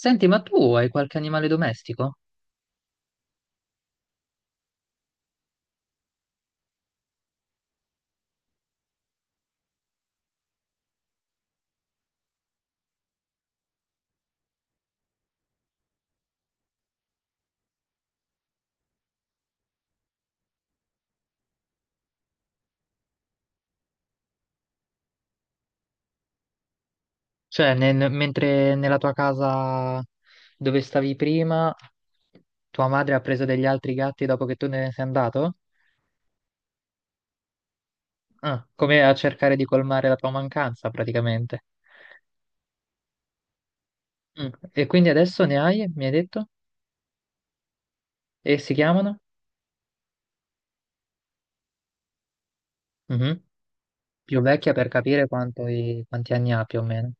Senti, ma tu hai qualche animale domestico? Cioè, mentre nella tua casa dove stavi prima, tua madre ha preso degli altri gatti dopo che tu ne sei andato? Ah, come a cercare di colmare la tua mancanza, praticamente. Mm. E quindi adesso ne hai, mi hai detto? E si chiamano? Mhm. Più vecchia per capire quanto quanti anni ha più o meno.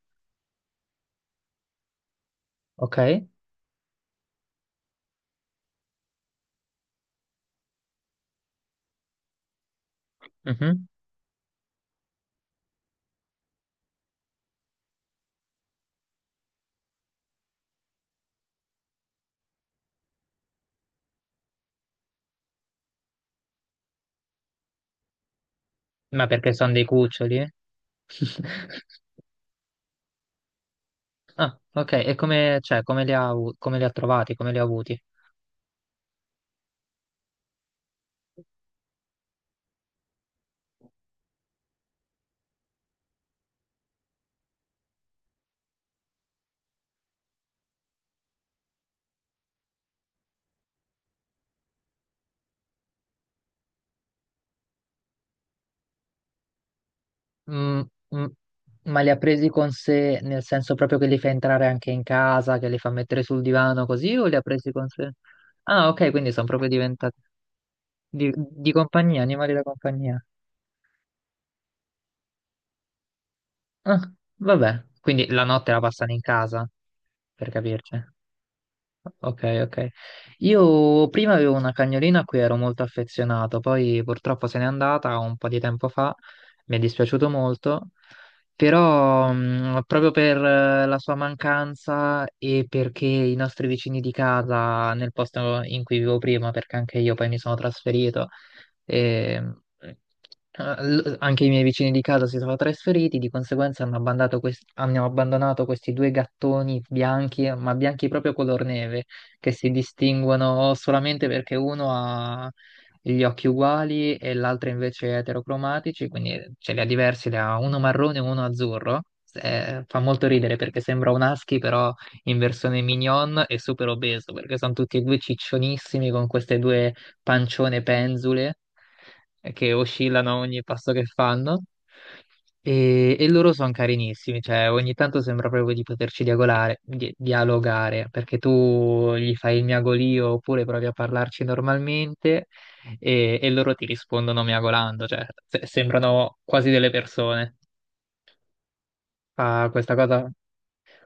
Ok? Mhm. Ma perché sono dei cuccioli? eh? Ah, ok. E come, cioè, come li ha, come li ha trovati? Come li ha avuti? Mm, mm. Ma li ha presi con sé nel senso proprio che li fa entrare anche in casa, che li fa mettere sul divano così, o li ha presi con sé? Ah, ok, quindi sono proprio diventati di compagnia, animali da compagnia. Ah, vabbè, quindi la notte la passano in casa, per capirci. Ok, ok. Io prima avevo una cagnolina a cui ero molto affezionato, poi purtroppo se n'è andata un po' di tempo fa, mi è dispiaciuto molto, però proprio per la sua mancanza e perché i nostri vicini di casa nel posto in cui vivo prima, perché anche io poi mi sono trasferito, e, anche i miei vicini di casa si sono trasferiti, di conseguenza hanno abbandonato questi due gattoni bianchi, ma bianchi proprio color neve, che si distinguono solamente perché uno ha gli occhi uguali e l'altro invece è eterocromatici, quindi ce li ha diversi, ne ha uno marrone e uno azzurro. Fa molto ridere perché sembra un husky, però in versione mignon e super obeso, perché sono tutti e due ciccionissimi con queste due pancione penzule che oscillano a ogni passo che fanno. E loro sono carinissimi, cioè ogni tanto sembra proprio di poterci dialogare, dialogare, perché tu gli fai il miagolio oppure provi a parlarci normalmente e loro ti rispondono miagolando, cioè sembrano quasi delle persone. Fa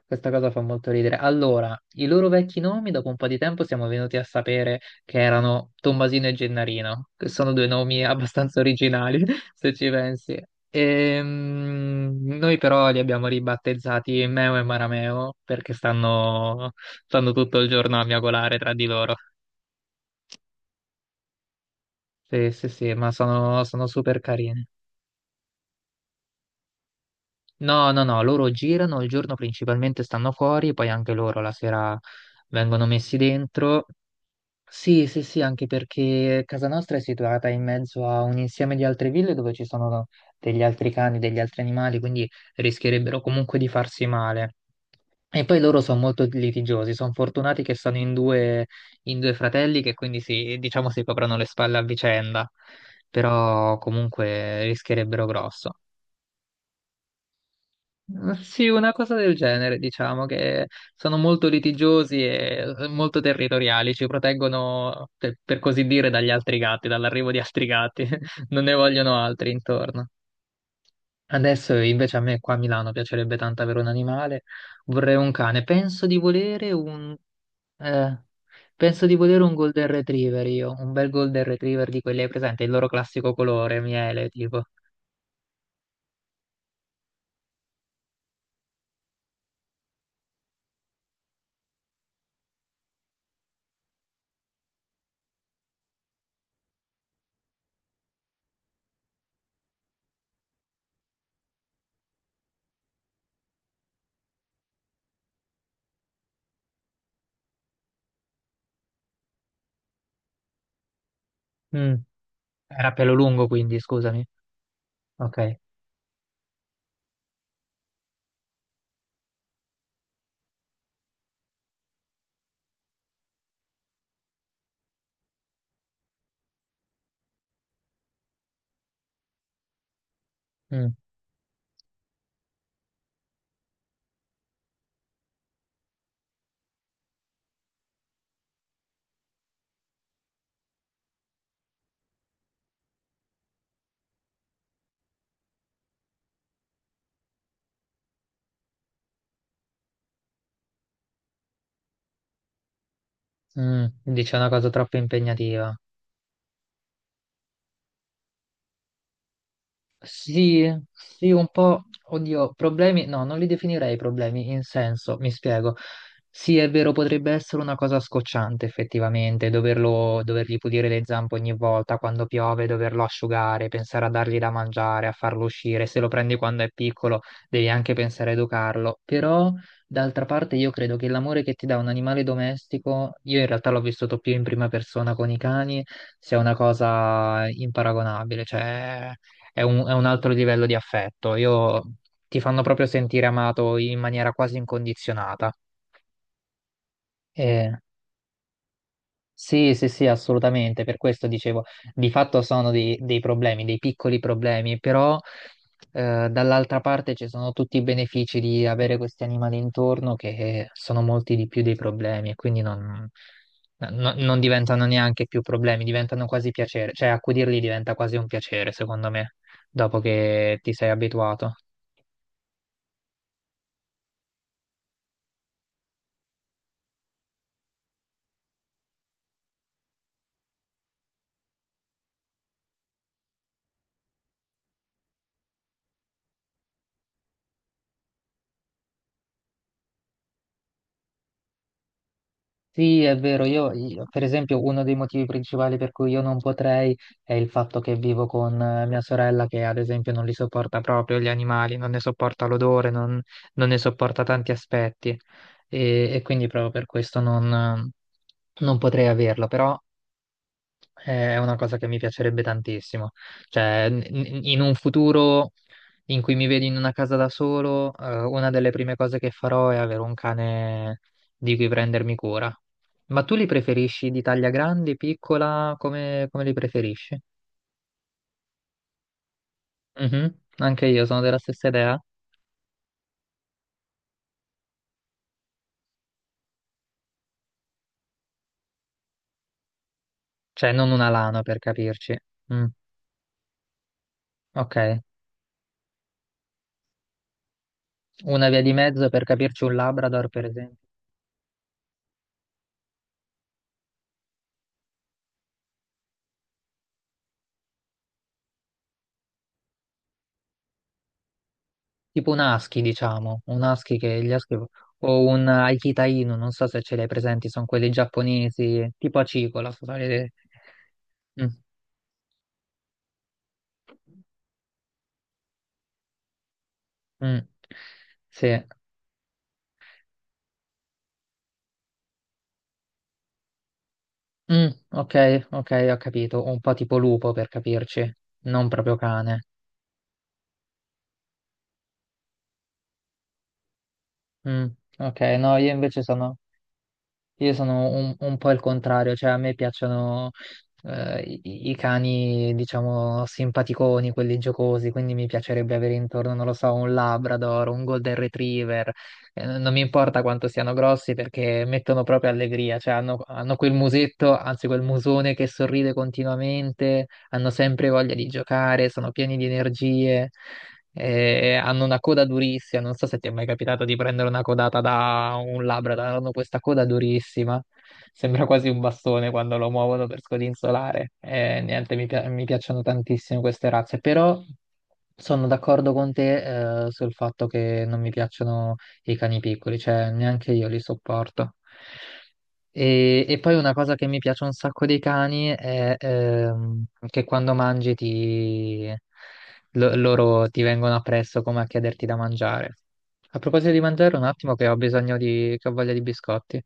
questa cosa fa molto ridere. Allora, i loro vecchi nomi dopo un po' di tempo siamo venuti a sapere che erano Tommasino e Gennarino, che sono due nomi abbastanza originali, se ci pensi. Noi però li abbiamo ribattezzati Meo e Marameo perché stanno, stanno tutto il giorno a miagolare tra di loro. Sì, sì, sì, ma sono, sono super carini. No, no, no, loro girano, il giorno principalmente stanno fuori, poi anche loro la sera vengono messi dentro. Sì, sì, sì, anche perché casa nostra è situata in mezzo a un insieme di altre ville dove ci sono degli altri cani, degli altri animali, quindi rischierebbero comunque di farsi male. E poi loro sono molto litigiosi, sono fortunati che sono in due fratelli che quindi si, diciamo, si coprono le spalle a vicenda, però comunque rischierebbero grosso. Sì, una cosa del genere, diciamo che sono molto litigiosi e molto territoriali, ci proteggono, per così dire, dagli altri gatti, dall'arrivo di altri gatti, non ne vogliono altri intorno. Adesso invece a me qua a Milano piacerebbe tanto avere un animale, vorrei un cane, penso di volere un... eh, penso di volere un Golden Retriever io, un bel Golden Retriever di quelli, hai presente, il loro classico colore, miele, tipo. Mm, era pelo lungo quindi, scusami. Ok. Mm. Mm, dici è una cosa troppo impegnativa. Sì, sì, un po', oddio, problemi, no, non li definirei problemi, in senso, mi spiego. Sì, è vero, potrebbe essere una cosa scocciante effettivamente, doverlo, dovergli pulire le zampe ogni volta quando piove, doverlo asciugare, pensare a dargli da mangiare, a farlo uscire. Se lo prendi quando è piccolo, devi anche pensare a educarlo. Però, d'altra parte, io credo che l'amore che ti dà un animale domestico, io in realtà l'ho vissuto più in prima persona con i cani, sia una cosa imparagonabile, cioè è un altro livello di affetto. Io, ti fanno proprio sentire amato in maniera quasi incondizionata. Eh, sì, sì, sì, assolutamente. Per questo dicevo, di fatto sono dei, dei problemi, dei piccoli problemi, però dall'altra parte ci sono tutti i benefici di avere questi animali intorno che sono molti di più dei problemi e quindi non, no, non diventano neanche più problemi, diventano quasi piacere. Cioè, accudirli diventa quasi un piacere, secondo me, dopo che ti sei abituato. Sì, è vero, per esempio uno dei motivi principali per cui io non potrei è il fatto che vivo con mia sorella che ad esempio non li sopporta proprio gli animali, non ne sopporta l'odore, non, non ne sopporta tanti aspetti e quindi proprio per questo non, non potrei averlo, però è una cosa che mi piacerebbe tantissimo. Cioè, in un futuro in cui mi vedi in una casa da solo, una delle prime cose che farò è avere un cane di cui prendermi cura. Ma tu li preferisci di taglia grande, piccola? Come, come li preferisci? Mhm, anche io sono della stessa idea. Cioè, non una lana per capirci. Mm, ok. Una via di mezzo per capirci un Labrador, per esempio. Tipo un husky, diciamo, un husky che gli husky o un Akita Inu, non so se ce li hai presenti, sono quelli giapponesi, tipo acicola, sono le- Mm, mm, sì. Mm, ok, ok, ho capito. Un po' tipo lupo per capirci, non proprio cane. Mm, ok, no, io invece sono. Io sono un po' il contrario, cioè a me piacciono i, i cani, diciamo, simpaticoni, quelli giocosi, quindi mi piacerebbe avere intorno, non lo so, un Labrador, un Golden Retriever. Non mi importa quanto siano grossi perché mettono proprio allegria, cioè hanno, hanno quel musetto, anzi quel musone che sorride continuamente, hanno sempre voglia di giocare, sono pieni di energie, hanno una coda durissima. Non so se ti è mai capitato di prendere una codata da un Labrador, hanno questa coda durissima. Sembra quasi un bastone quando lo muovono per scodinzolare. Niente, mi, mi piacciono tantissimo queste razze, però sono d'accordo con te, sul fatto che non mi piacciono i cani piccoli, cioè neanche io li sopporto. E poi una cosa che mi piace un sacco dei cani è che quando mangi loro ti vengono appresso come a chiederti da mangiare. A proposito di mangiare, un attimo che ho bisogno di... che ho voglia di biscotti.